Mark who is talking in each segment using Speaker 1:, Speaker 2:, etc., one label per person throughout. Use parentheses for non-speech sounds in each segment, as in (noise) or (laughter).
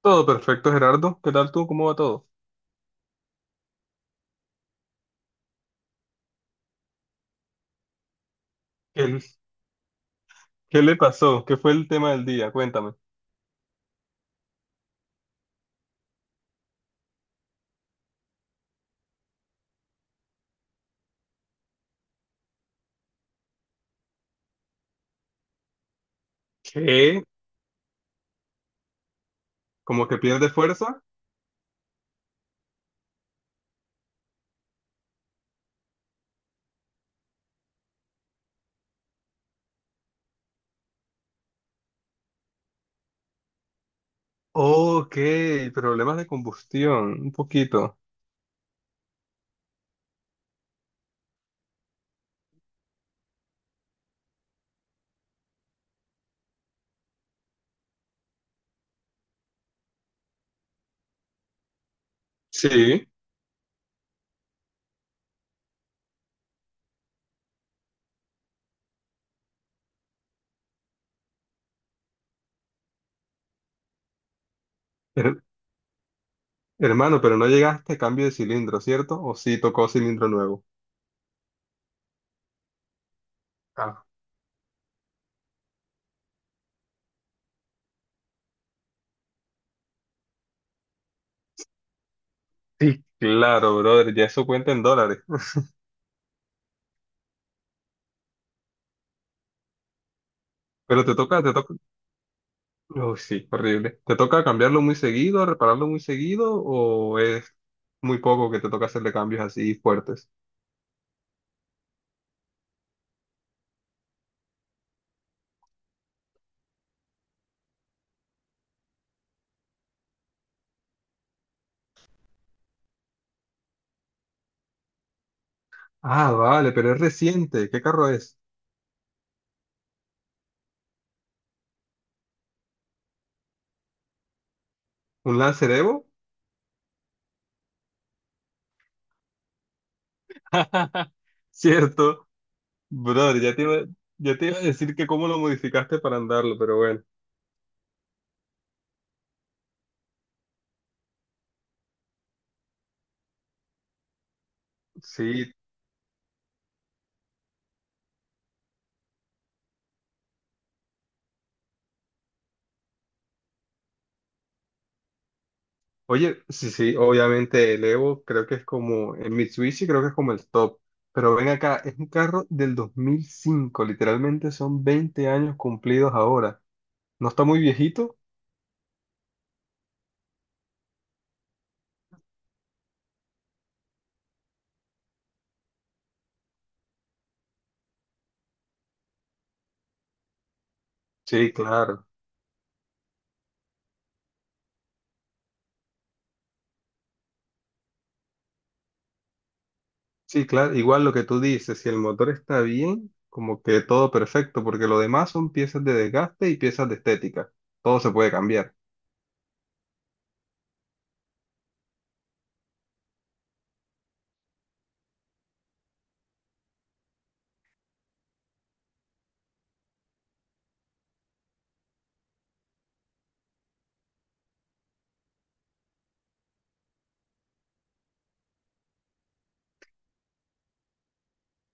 Speaker 1: Todo perfecto, Gerardo. ¿Qué tal tú? ¿Cómo va todo? ¿Qué, qué le pasó? ¿Qué fue el tema del día? Cuéntame. ¿Qué? ¿Cómo que pierde fuerza? Ok, problemas de combustión, un poquito. Sí. Her- hermano, pero no llegaste a cambio de cilindro, ¿cierto? ¿O sí tocó cilindro nuevo? Ah, sí. Claro, brother, ya eso cuenta en dólares. Pero te toca, te toca. Uy, sí, horrible. ¿Te toca cambiarlo muy seguido, repararlo muy seguido, o es muy poco que te toca hacerle cambios así fuertes? Ah, vale, pero es reciente. ¿Qué carro es? ¿Un Lancer Evo? (laughs) Cierto, brother, ya te iba a decir que cómo lo modificaste para andarlo, pero bueno, sí. Oye, sí, sí, obviamente el Evo creo que es como el Mitsubishi, creo que es como el top, pero ven acá, es un carro del 2005. Literalmente son 20 años cumplidos ahora. ¿No está muy viejito? Sí, claro. Sí, claro, igual lo que tú dices, si el motor está bien, como que todo perfecto, porque lo demás son piezas de desgaste y piezas de estética. Todo se puede cambiar.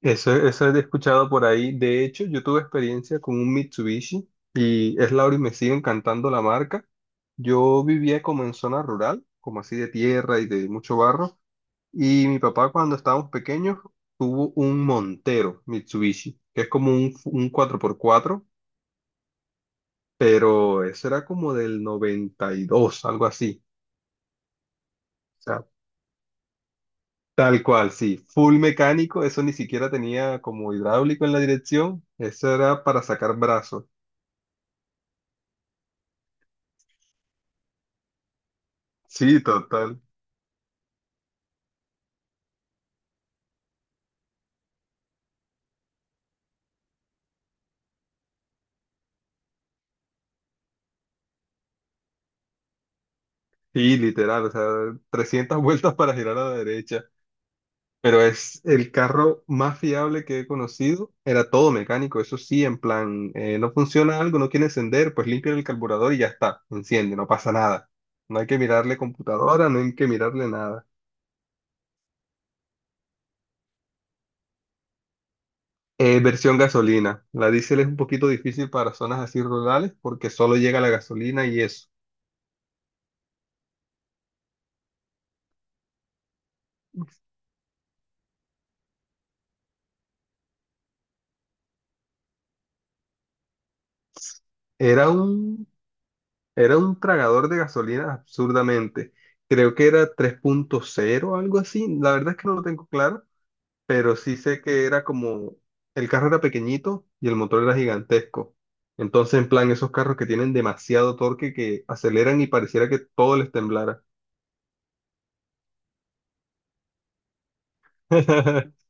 Speaker 1: Eso he escuchado por ahí. De hecho, yo tuve experiencia con un Mitsubishi y es la hora y me sigue encantando la marca. Yo vivía como en zona rural, como así de tierra y de mucho barro, y mi papá cuando estábamos pequeños tuvo un Montero Mitsubishi, que es como un 4x4 pero eso era como del 92, algo así. O sea, tal cual, sí. Full mecánico, eso ni siquiera tenía como hidráulico en la dirección, eso era para sacar brazos. Sí, total. Sí, literal, o sea, 300 (laughs) vueltas para girar a la derecha. Pero es el carro más fiable que he conocido. Era todo mecánico, eso sí, en plan, no funciona algo, no quiere encender, pues limpia el carburador y ya está, enciende, no pasa nada. No hay que mirarle computadora, no hay que mirarle nada. Versión gasolina. La diésel es un poquito difícil para zonas así rurales porque solo llega la gasolina y eso. Era un, era un tragador de gasolina absurdamente. Creo que era 3.0 algo así. La verdad es que no lo tengo claro, pero sí sé que era como el carro era pequeñito y el motor era gigantesco. Entonces, en plan, esos carros que tienen demasiado torque que aceleran y pareciera que todo les temblara. (laughs)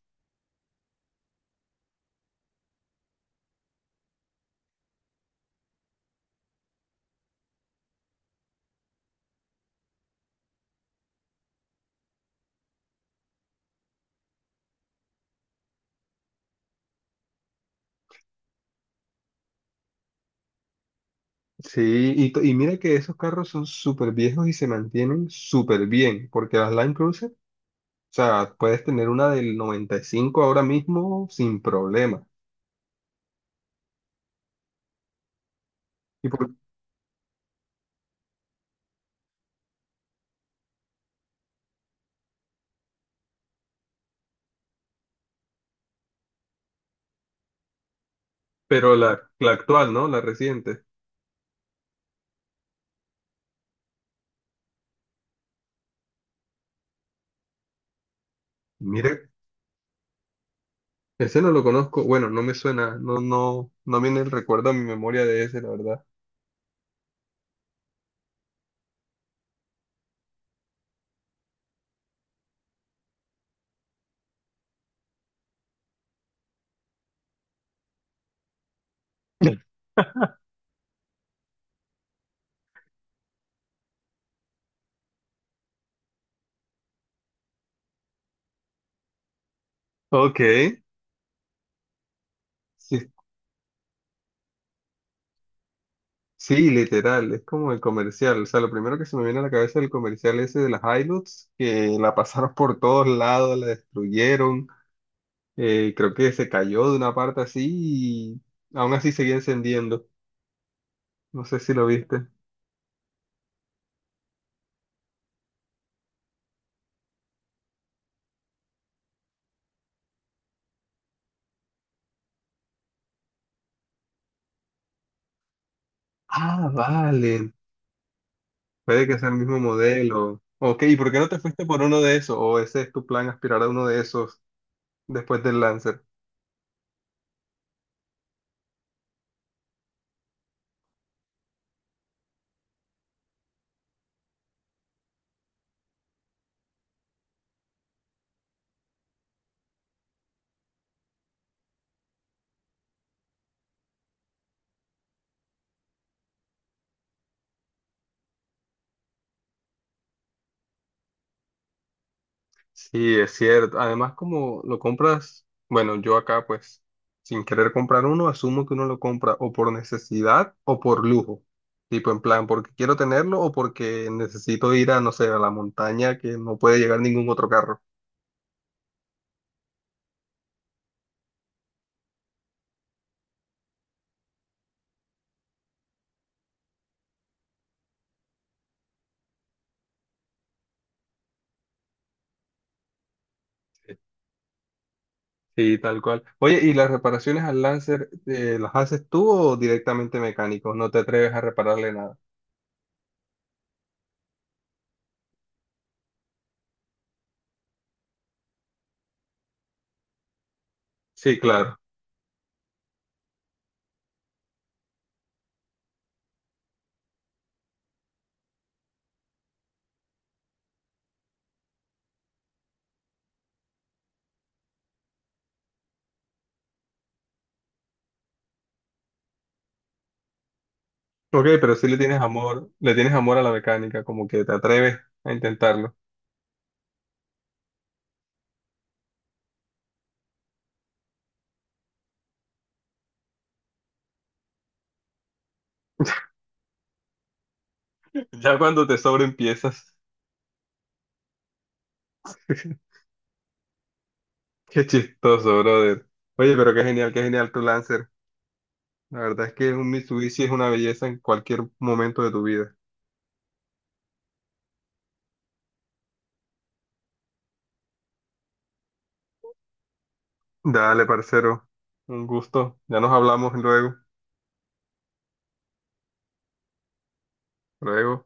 Speaker 1: Sí, y, y mira que esos carros son súper viejos y se mantienen súper bien, porque las Line Cruiser, o sea, puedes tener una del 95 ahora mismo sin problema. Y por- pero la actual, ¿no? La reciente. Mira, ese no lo conozco, bueno, no me suena, no, no, no viene el recuerdo a mi memoria de ese, la verdad. Ok, sí, sí, literal, es como el comercial, o sea, lo primero que se me viene a la cabeza es el comercial ese de las Hilux, que la pasaron por todos lados, la destruyeron. Creo que se cayó de una parte así y aún así seguía encendiendo. No sé si lo viste. Ah, vale. Puede que sea el mismo modelo. Ok, ¿y por qué no te fuiste por uno de esos? ¿O ese es tu plan, aspirar a uno de esos después del Lancer? Sí, es cierto. Además, como lo compras, bueno, yo acá pues sin querer comprar uno, asumo que uno lo compra o por necesidad o por lujo. Tipo en plan, porque quiero tenerlo o porque necesito ir a, no sé, a la montaña que no puede llegar ningún otro carro. Sí, tal cual. Oye, ¿y las reparaciones al Lancer, las haces tú o directamente mecánicos? No te atreves a repararle nada. Sí, claro. Ok, pero sí le tienes amor a la mecánica, como que te atreves a intentarlo. (laughs) Ya cuando te sobren piezas. (laughs) Qué chistoso, brother. Oye, pero qué genial tu Lancer. La verdad es que un Mitsubishi es una belleza en cualquier momento de tu vida. Dale, parcero. Un gusto. Ya nos hablamos luego. Luego.